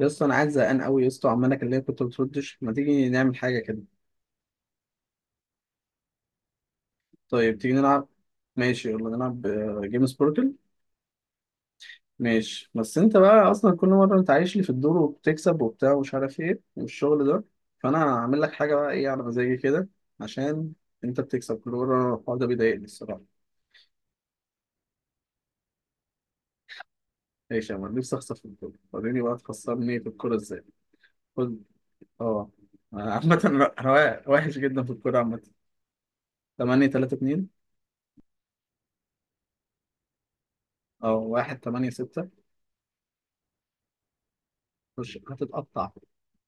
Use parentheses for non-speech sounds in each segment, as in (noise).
يا اسطى انا قاعد زهقان قوي يا اسطى، عمال اكلمك وانت ما بتردش. ما تيجي نعمل حاجه كده؟ طيب تيجي نلعب؟ ماشي يلا نلعب. جيم سبوركل. ماشي، بس انت بقى اصلا كل مره انت عايش لي في الدور وبتكسب وبتاع ومش عارف ايه والشغل ده. فانا هعمل لك حاجه بقى ايه على مزاجي كده، عشان انت بتكسب كل مره. الحوار ده بيضايقني الصراحه. ماشي يا مان، نفسي اخسر في الكوره. وريني بقى تخسرني في الكوره ازاي. خد. اه. عامة (laughs) أنا وحش جدا في الكورة عامة. 8 3 2. اه، 1 8 6. مش هتتقطع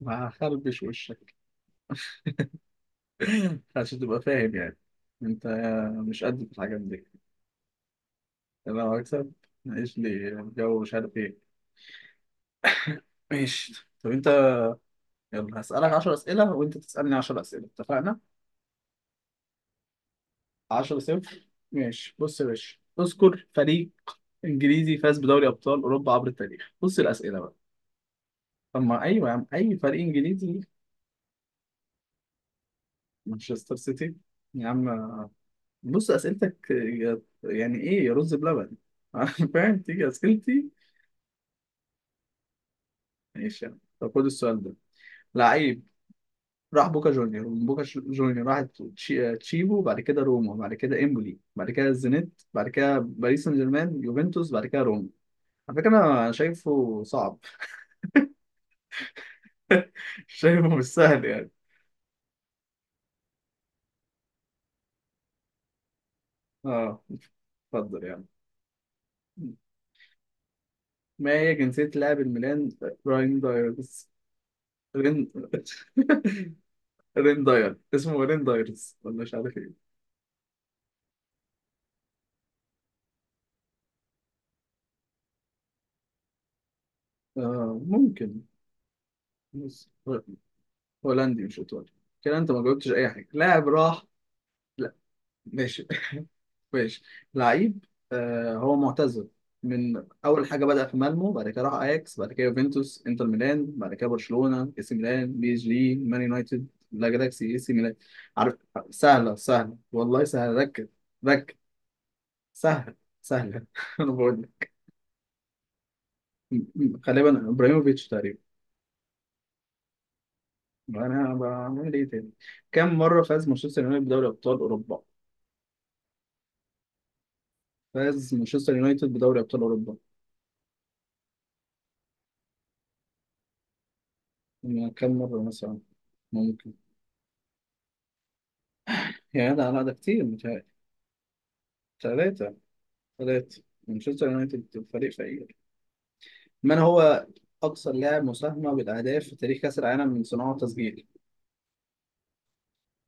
وهخربش وشك. (laughs) عشان تبقى فاهم يعني. انت مش قد في الحاجات دي. انا لو هكسب معيش لي جو مش عارف ايه. ماشي طب انت. يلا هسألك 10 أسئلة وانت تسألني 10 أسئلة، اتفقنا؟ 10 صفر ماشي. بص يا باشا، اذكر فريق انجليزي فاز بدوري ابطال اوروبا عبر التاريخ. بص الأسئلة بقى. طب ما ايوه يا عم، اي فريق انجليزي. مانشستر سيتي، يا عم. بص اسئلتك يعني ايه يا رز بلبن؟ (laughs) فاهم؟ تيجي اسئلتي. ماشي يا عم. طب خد السؤال ده. لعيب راح بوكا جونيور، ومن بوكا جونيور راح تشيبو، بعد كده روما، بعد كده امبولي، بعد كده الزينيت، بعد كده باريس سان جيرمان، يوفنتوس، بعد كده روما. على فكره انا شايفه صعب. (laughs) شايفه مش سهل يعني. اه اتفضل يعني. ما هي جنسية لاعب الميلان راين دايرز؟ رين (laughs) رين داير، اسمه رين دايرز ولا مش عارف إيه. آه ممكن. بس هو- هولندي مش ايطالي. كده انت ما جاوبتش اي حاجه. لاعب راح. لا. ماشي. (laughs) ماشي. لعيب، آه هو معتزل، من اول حاجه بدأ في مالمو، بعد كده راح اياكس، بعد كده يوفنتوس، انتر ميلان، بعد كده برشلونه، اي سي ميلان، بي اس جي، مان يونايتد. لا جالاكسي اي سي ميلان. عارف؟ سهله سهله والله سهله، ركز. ركز. سهله. سهله (laughs) انا بقول لك. غالبا ابراهيموفيتش تقريبا. انا بعمل ايه تاني؟ كم مره فاز مانشستر يونايتد بدوري ابطال اوروبا؟ فاز مانشستر يونايتد بدوري ابطال اوروبا. يعني كم مره مثلا؟ ممكن. يعني لا لا ده كتير متهيألي. ثلاثة. ثلاثة. مانشستر يونايتد فريق فقير. من هو أكثر لاعب مساهمة بالأهداف في تاريخ كأس العالم، من صناعة وتسجيل؟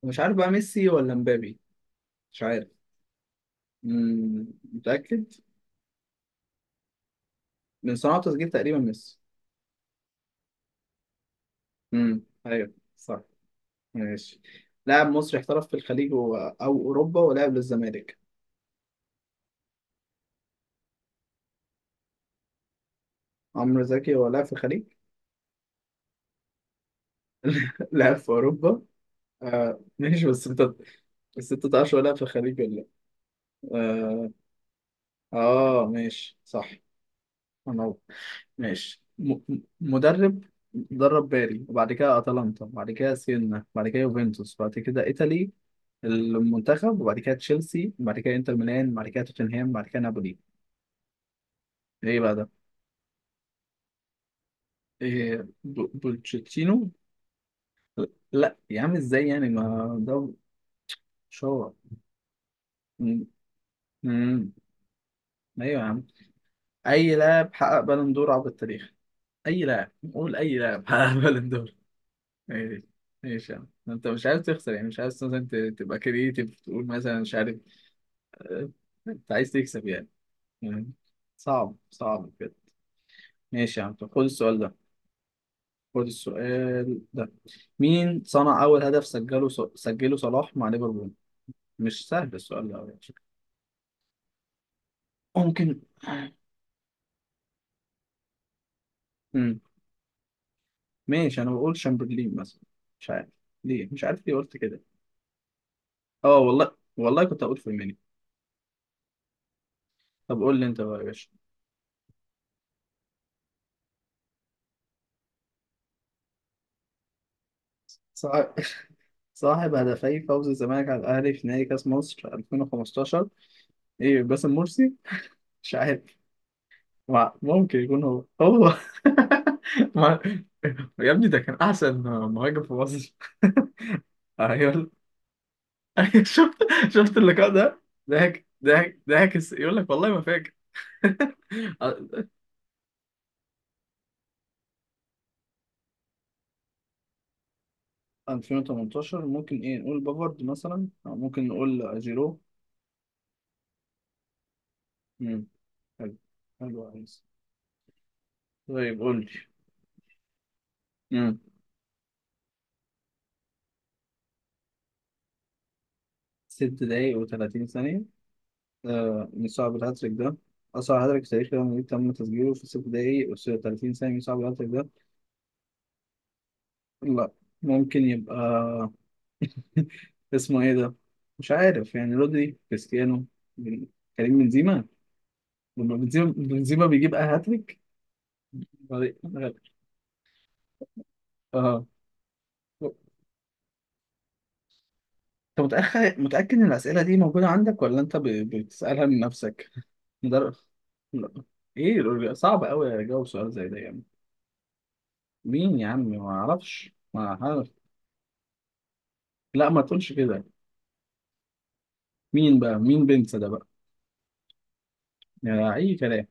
مش عارف بقى ميسي ولا مبابي. مش عارف. مم. متأكد؟ من صناعة وتسجيل تقريبا ميسي. أيوه صح. ماشي. لاعب مصري احترف في الخليج أو أوروبا ولعب للزمالك. عمرو زكي هو لاعب في الخليج؟ (laughs) لعب في أوروبا. آه ماشي، بس انت. بس انت تعرفش هو لاعب في الخليج ولا لا. اه, آه ماشي صح. انا ماشي، مدرب درب باري، وبعد كده اتلانتا، وبعد كده سينا، وبعد كده يوفنتوس، وبعد كده ايطالي المنتخب، وبعد كده تشيلسي، وبعد كده انتر ميلان، وبعد كده توتنهام، وبعد كده نابولي. ايه بقى ده؟ إيه بولتشيتينو. لا يا عم، ازاي يعني ما ده شهرة. مم. مم. ايوه يا عم. اي لاعب حقق بالون دور عبر التاريخ؟ اي لاعب قول، اي لاعب حقق (laughs) بالون دور. ماشي. ماشي يا عم، انت مش عايز تخسر يعني. مش عايز مثلا تبقى كرييتيف تقول مثلا مش عارف. آه، انت عايز تكسب يعني. مم. صعب صعب كده. ماشي يا عم طب خد السؤال ده. خد السؤال ده. مين صنع اول هدف سجله، سجله صلاح مع ليفربول؟ مش سهل السؤال ده أوي على فكرة. ممكن. مم. ماشي، انا بقول شامبرلين مثلا. مش عارف ليه. مش عارف ليه قلت كده. اه والله والله كنت هقول فيرمينيو. طب قول لي انت بقى يا باشا. صاحب (laughs) صاحب هدفي فوز الزمالك على الاهلي في نهائي كاس مصر 2015؟ ايه باسم مرسي. مش عارف. ممكن يكون هو هو. (laughs) ما... يا ابني ده كان احسن مهاجم في مصر. ايوه. (laughs) شفت؟ شفت اللقاء ده؟ ضحك ضحك ضحك يقول لك والله ما فاكر. (laughs) 2018 ممكن ايه، نقول بافارد مثلا، أو ممكن نقول جيرو. امم. حلو. حلو عايز. طيب قول لي. امم. ست دقايق و30 ثانية. آه من صعب الهاتريك ده. أصعب هاتريك في تاريخ ريال مدريد تم تسجيله في ست دقايق و30 ثانية. من صعب الهاتريك ده. لا، ممكن يبقى (laughs) اسمه ايه ده؟ مش عارف يعني، رودري، كريستيانو، بن- كريم بنزيما. بنزيما بنزيما بيجيب هاتريك. اه. انت متأكد ان الأسئلة دي موجودة عندك ولا انت بتسألها من نفسك؟ در... لا. ايه صعب قوي اجاوب سؤال زي ده يعني. مين يا عم، ما اعرفش ما عارف. لا ما تقولش كده. مين بقى، مين بنسى ده بقى. يعني اي كلام.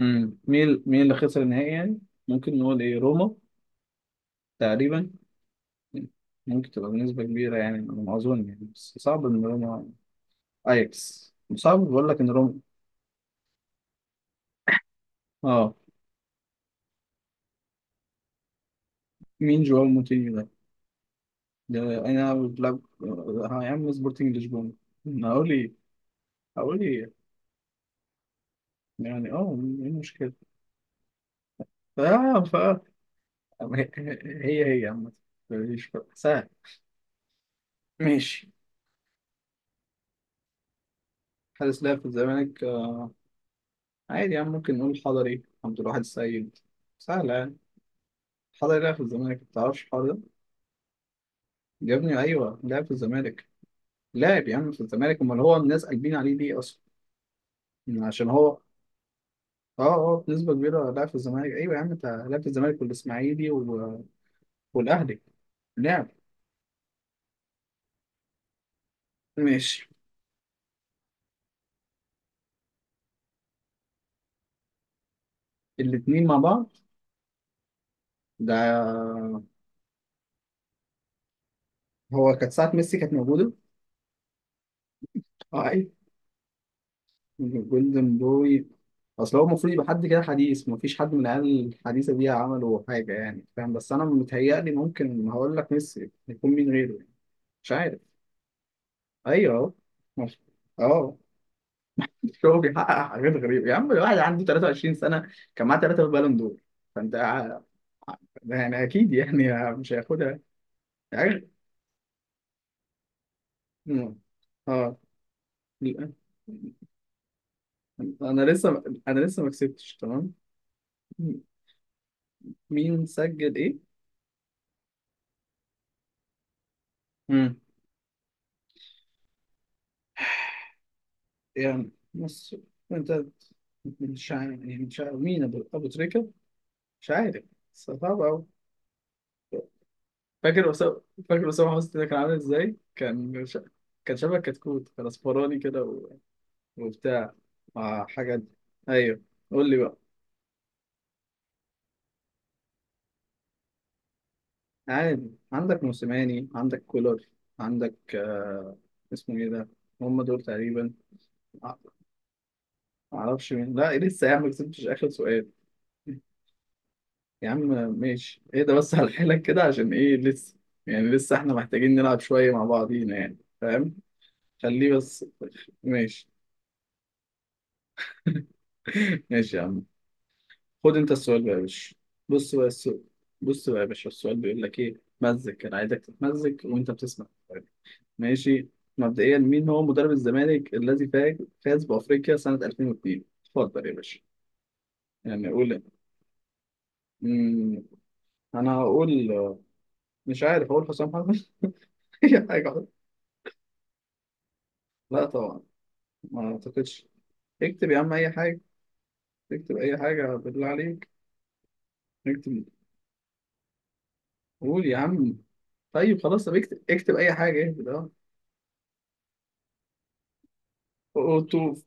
امم، مين، مين اللي خسر النهائي يعني؟ ممكن نقول ايه، روما، تقريبا. ممكن تبقى بنسبة كبيرة يعني على ما اظن يعني، بس صعب ان روما. اياكس صعب، بقول لك ان روما. اه. مين جواو موتينيو ده؟ ده انا بلعب، يا عم سبورتنج لشبونه. هقول ايه. هقول ايه. يعني اه. ايه المشكلة. اه ف. هي. هي هي عامة. مفيش فرق سهل. ماشي. حارس لعب في الزمالك، عادي يا عم، ممكن نقول حضري، عبد الواحد السيد. سهلة يعني. حضري لعب في الزمالك، متعرفش الحوار ده؟ يا ابني ايوه لعب في الزمالك. لاعب يا عم في الزمالك، امال هو الناس قلبين عليه ليه اصلا؟ عشان هو. اه اه بنسبة كبيرة لعب في الزمالك، ايوه يا عم، انت لعب في الزمالك والاسماعيلي والأهلي. لعب. ماشي. الاتنين مع بعض. ده هو كانت ساعة ميسي كانت موجودة. اه ايوه جولدن بوي. اصل هو المفروض يبقى حد كده حديث، مفيش حد من العيال الحديثة دي عملوا حاجة يعني، فاهم؟ بس أنا متهيألي ممكن هقول لك ميسي، يكون مين غيره يعني. مش عارف. أيوه أهو. مش- أه. هو بيحقق حاجات غريبة يا عم، الواحد عنده 23 سنة كان معاه ثلاثة بالون دور. فأنت ع- ع- يعني أكيد يعني مش هياخدها. يعني. مم. اه. لا. انا لسه، ما كسبتش تمام. مين سجل ايه؟ امم. يعني بص. انت مش عارف يعني، مش عارف مين، ابو تريكه، مش عارف، بس صعب قوي. فاكر أسامة. فاكر أسامة حسني ده كان عامل ازاي؟ كان كان شبه كتكوت، كان اصفراني كده و... وبتاع مع حاجات. ايوه. قول لي بقى. عادي عندك موسيماني، عندك كولر، عندك اسمه ايه ده؟ هم دول تقريبا. آه، معرفش مين. لا لسه يا عم ما كسبتش، اخر سؤال يا عم. ماشي ايه ده بس، على حيلك كده عشان ايه؟ لسه يعني، لسه احنا محتاجين نلعب شوية مع بعضينا يعني، فاهم؟ خليه بس. ماشي. (laughs) ماشي يا عم. خد انت السؤال بقى يا باشا. بص بقى السؤال. بص بقى يا باشا، السؤال بيقول لك ايه، مزك، انا عايزك تتمزك وانت بتسمع. ماشي. مبدئيا مين هو مدرب الزمالك الذي فاز، فاز بافريقيا سنة 2002؟ اتفضل يا باشا. يعني قول. مم، انا هقول. مش عارف، اقول حسام حرب (laughs) اي حاجه أقول. لا طبعا، ما اعتقدش. اكتب يا عم اي حاجه. اكتب اي حاجه بالله عليك. اكتب. قول يا عم. طيب خلاص، طب اكتب، اكتب اي حاجه، اهبد اه. اوتوف.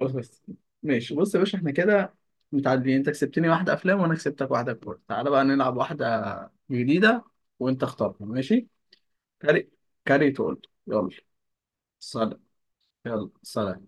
بس. ماشي بص يا باشا، احنا كده متعادلين، انت كسبتني واحده افلام وانا كسبتك واحده كوره، تعالى بقى نلعب واحده جديده، وانت اختارها ماشي. كاري. كاري تقول يلا. سلام. يلا سلام.